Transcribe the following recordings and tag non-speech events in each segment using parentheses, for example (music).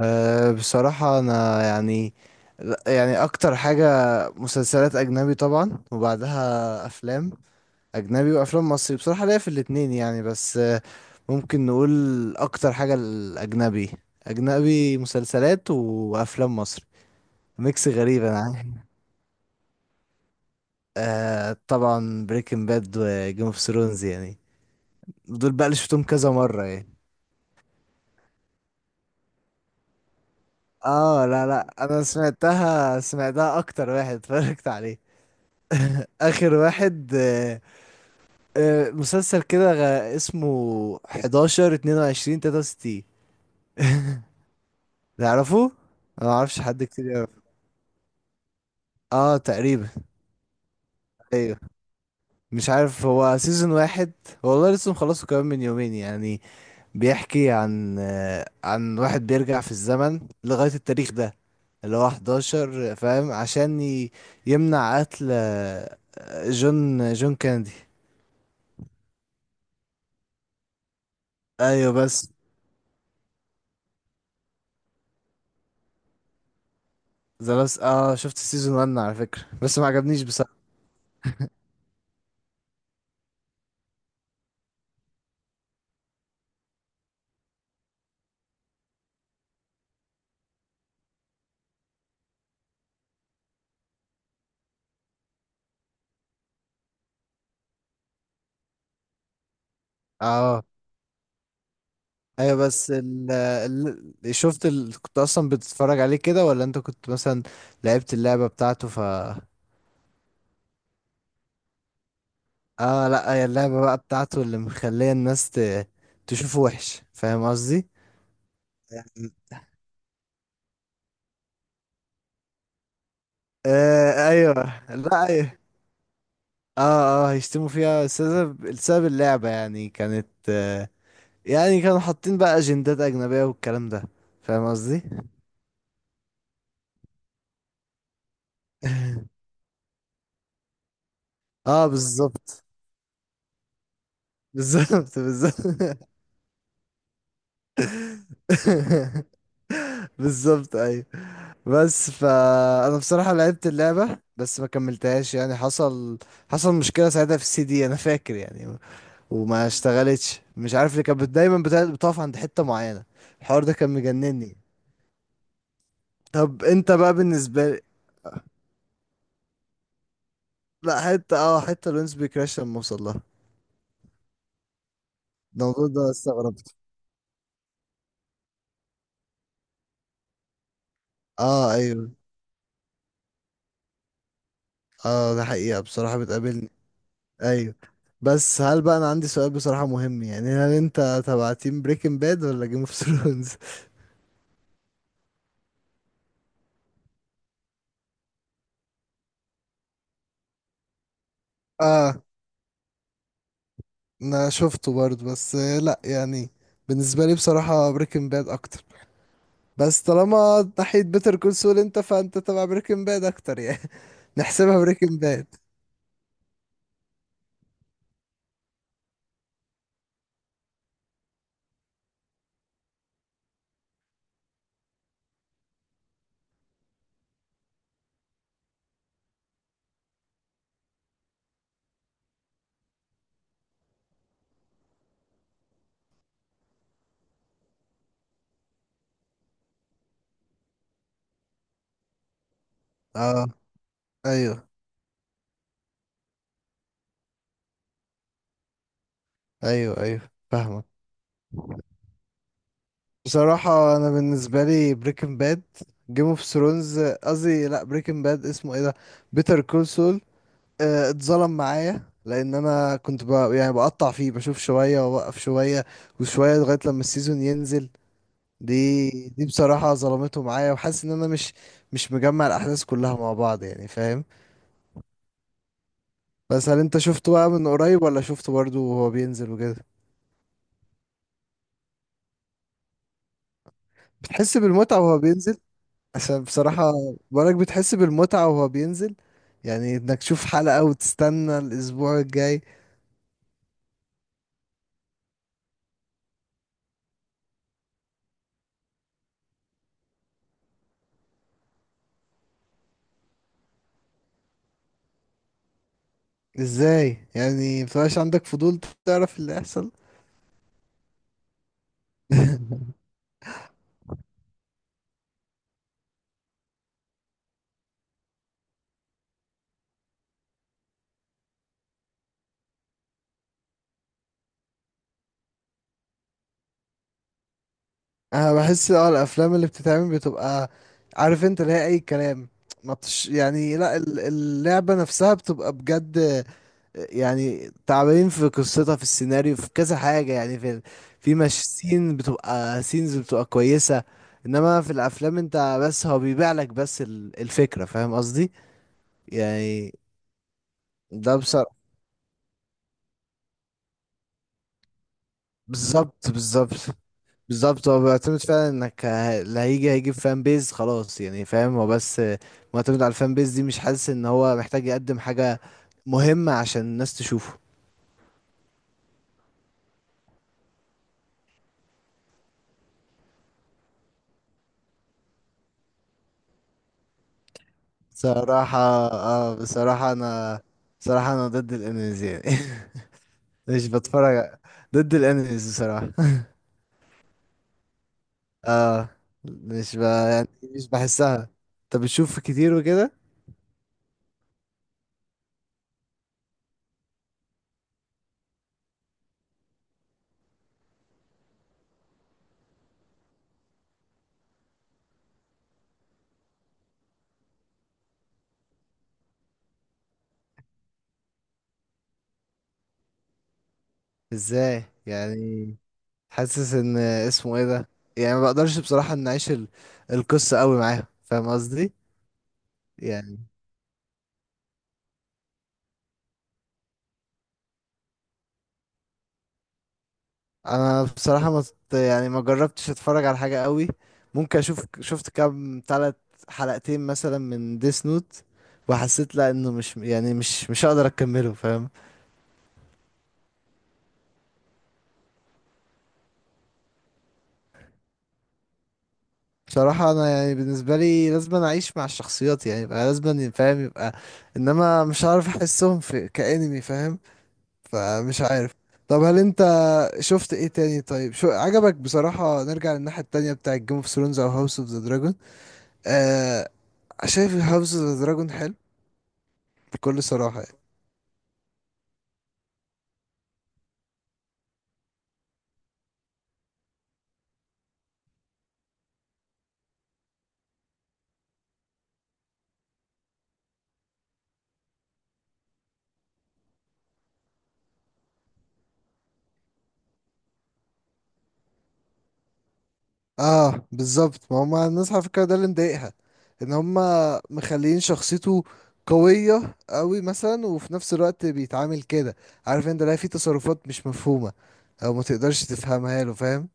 أه بصراحة أنا يعني أكتر حاجة مسلسلات أجنبي طبعا، وبعدها أفلام أجنبي وأفلام مصري. بصراحة ليا في الاتنين يعني، بس ممكن نقول أكتر حاجة الأجنبي. أجنبي مسلسلات وأفلام مصري، ميكس غريب أنا عارف. أه طبعا بريكنج باد وجيم اوف ثرونز يعني، دول بقى اللي شفتهم كذا مرة يعني. اه، لا لا أنا سمعتها أكتر واحد اتفرجت عليه آخر واحد مسلسل كده اسمه 11 22 63، تعرفه؟ انا ما اعرفش حد كتير يعرف. اه تقريبا. ايوه، مش عارف هو سيزون واحد. والله لسه مخلصه كمان من يومين يعني. بيحكي عن عن واحد بيرجع في الزمن لغاية التاريخ ده اللي هو 11، فاهم؟ عشان يمنع قتل جون كينيدي. ايوه بس. ذا لاست. اه شفت السيزون 1 على فكرة، بس ما عجبنيش بصراحة. اه ايوه. بس شفت كنت اصلا بتتفرج عليه كده، ولا انت كنت مثلا لعبت اللعبة بتاعته؟ ف اه لا، هي اللعبة بقى بتاعته اللي مخلية الناس تشوفه وحش، فاهم قصدي؟ آه ايوه. لا ايوه. اه اه، هيشتموا فيها. السبب اللعبة يعني، كانت آه يعني كانوا حاطين بقى اجندات اجنبية والكلام ده، فاهم قصدي؟ (laughs) اه بالظبط. بالظبط (laughs) بالظبط ايوه. بس فانا بصراحه لعبت اللعبه بس ما كملتهاش. يعني حصل مشكله ساعتها في السي دي انا فاكر يعني. وما اشتغلتش، مش عارف ليه. كانت بتقف عند حته معينه. الحوار ده كان مجنني. طب انت بقى بالنسبه لي. لا حته، اه حته الونس بيكراش لما اوصل لها. الموضوع ده استغربت. اه ايوه. اه ده حقيقه بصراحه بتقابلني. ايوه. بس هل بقى، انا عندي سؤال بصراحه مهم يعني، هل انت تبع تيم بريكنج باد ولا جيم اوف ثرونز؟ (laughs) اه انا شفته برضه، بس لا يعني بالنسبه لي بصراحه بريكنج باد اكتر. بس طالما ناحيه بيتر كول سول انت، فانت تبع بريكنج باد اكتر يعني. (laughs) نحسبها بريكنج باد. اه ايوه ايوه ايوه، فاهمك. بصراحه انا بالنسبه لي بريكنج باد. جيم اوف ثرونز قصدي، لا بريكنج باد. اسمه ايه ده، بيتر كول سول؟ اتظلم معايا، لان انا كنت بقى يعني بقطع فيه، بشوف شويه واوقف شويه وشويه لغايه لما السيزون ينزل. دي بصراحة ظلمته معايا، وحاسس ان انا مش مش مجمع الاحداث كلها مع بعض يعني، فاهم؟ بس هل انت شفته بقى من قريب، ولا شفته برضه وهو بينزل وكده؟ بتحس بالمتعة وهو بينزل؟ عشان بصراحة، بقولك بتحس بالمتعة وهو بينزل، يعني انك تشوف حلقة وتستنى الاسبوع الجاي. ازاي يعني مبتبقاش عندك فضول تعرف اللي هيحصل؟ (laughs) انا بحس اه الافلام اللي بتتعمل بتبقى، عارف انت، اللي هي اي كلام. ما بتش يعني، لا اللعبة نفسها بتبقى بجد يعني، تعبانين في قصتها، في السيناريو، في كذا حاجة يعني، في في مش سين بتبقى سينز بتبقى كويسة. انما في الافلام انت بس، هو بيبيع لك بس الفكرة، فاهم قصدي يعني؟ ده بصراحة بالظبط بالظبط. بالظبط هو بيعتمد فعلا انك اللي هيجي هيجيب فان بيز خلاص يعني، فاهم؟ هو بس معتمد على الفان بيز دي، مش حاسس ان هو محتاج يقدم حاجة مهمة عشان الناس تشوفه. صراحة اه. بصراحة انا، بصراحة انا ضد الانميز يعني. (laughs) مش بتفرج، ضد الانميز بصراحة. (laughs) اه مش يعني مش بحسها. انت بتشوف كتير وكده؟ ازاي يعني؟ حاسس ان اسمه ايه ده، يعني ما بقدرش بصراحة ان اعيش القصة قوي معاهم، فاهم قصدي؟ يعني انا بصراحة ما يعني ما جربتش اتفرج على حاجة قوي. ممكن اشوف، شفت كام تلات حلقتين مثلا من ديس نوت، وحسيت لا انه مش يعني مش مش هقدر اكمله، فاهم؟ بصراحة انا يعني بالنسبة لي لازم أنا اعيش مع الشخصيات يعني، يبقى لازم فاهم؟ يبقى انما مش عارف احسهم في كأنمي، فاهم؟ فمش عارف. طب هل انت شفت ايه تاني؟ طيب شو عجبك بصراحة؟ نرجع للناحية التانية بتاع جيم اوف ثرونز او هاوس اوف ذا دراجون. آه شايف هاوس اوف ذا دراجون حلو بكل صراحة يعني. اه بالظبط، ما هما الناس على فكرة ده اللي مضايقها، ان هما مخليين شخصيته قوية قوي مثلا، وفي نفس الوقت بيتعامل كده، عارف انت، لا في تصرفات مش مفهومة او ما تقدرش تفهمها له، فاهم؟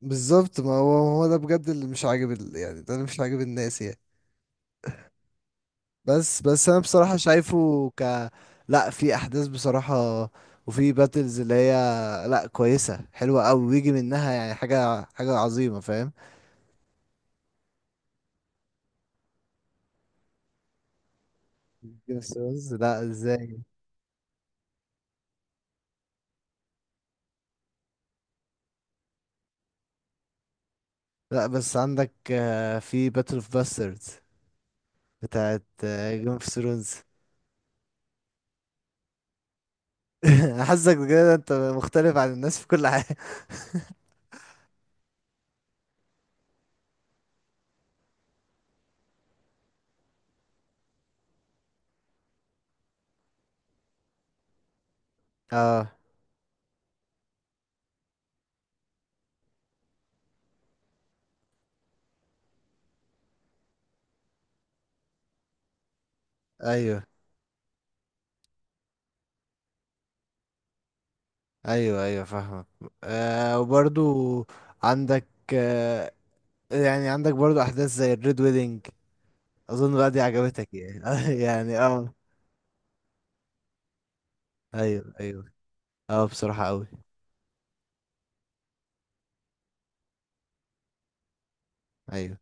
بالظبط، ما هو هو ده بجد اللي مش عاجب يعني ده اللي مش عاجب الناس يعني. بس انا بصراحة شايفه ك، لا في احداث بصراحة، وفي باتلز اللي هي لا كويسة حلوة قوي، ويجي منها يعني حاجة حاجة عظيمة، فاهم؟ Game of Thrones، لا ازاي. لا بس عندك في باتل اوف باستردز بتاعت جيم اوف ثرونز. (laughs) حاسك كده انت مختلف عن الناس في كل حاجة. (laughs) اه ايوه ايوه ايوه فاهمك. آه وبرضو عندك آه يعني عندك برضو احداث زي الريد ويدنج، اظن بقى دي عجبتك يعني. (laughs) يعني اه ايوه ايوه. اه بصراحة قوي. ايوه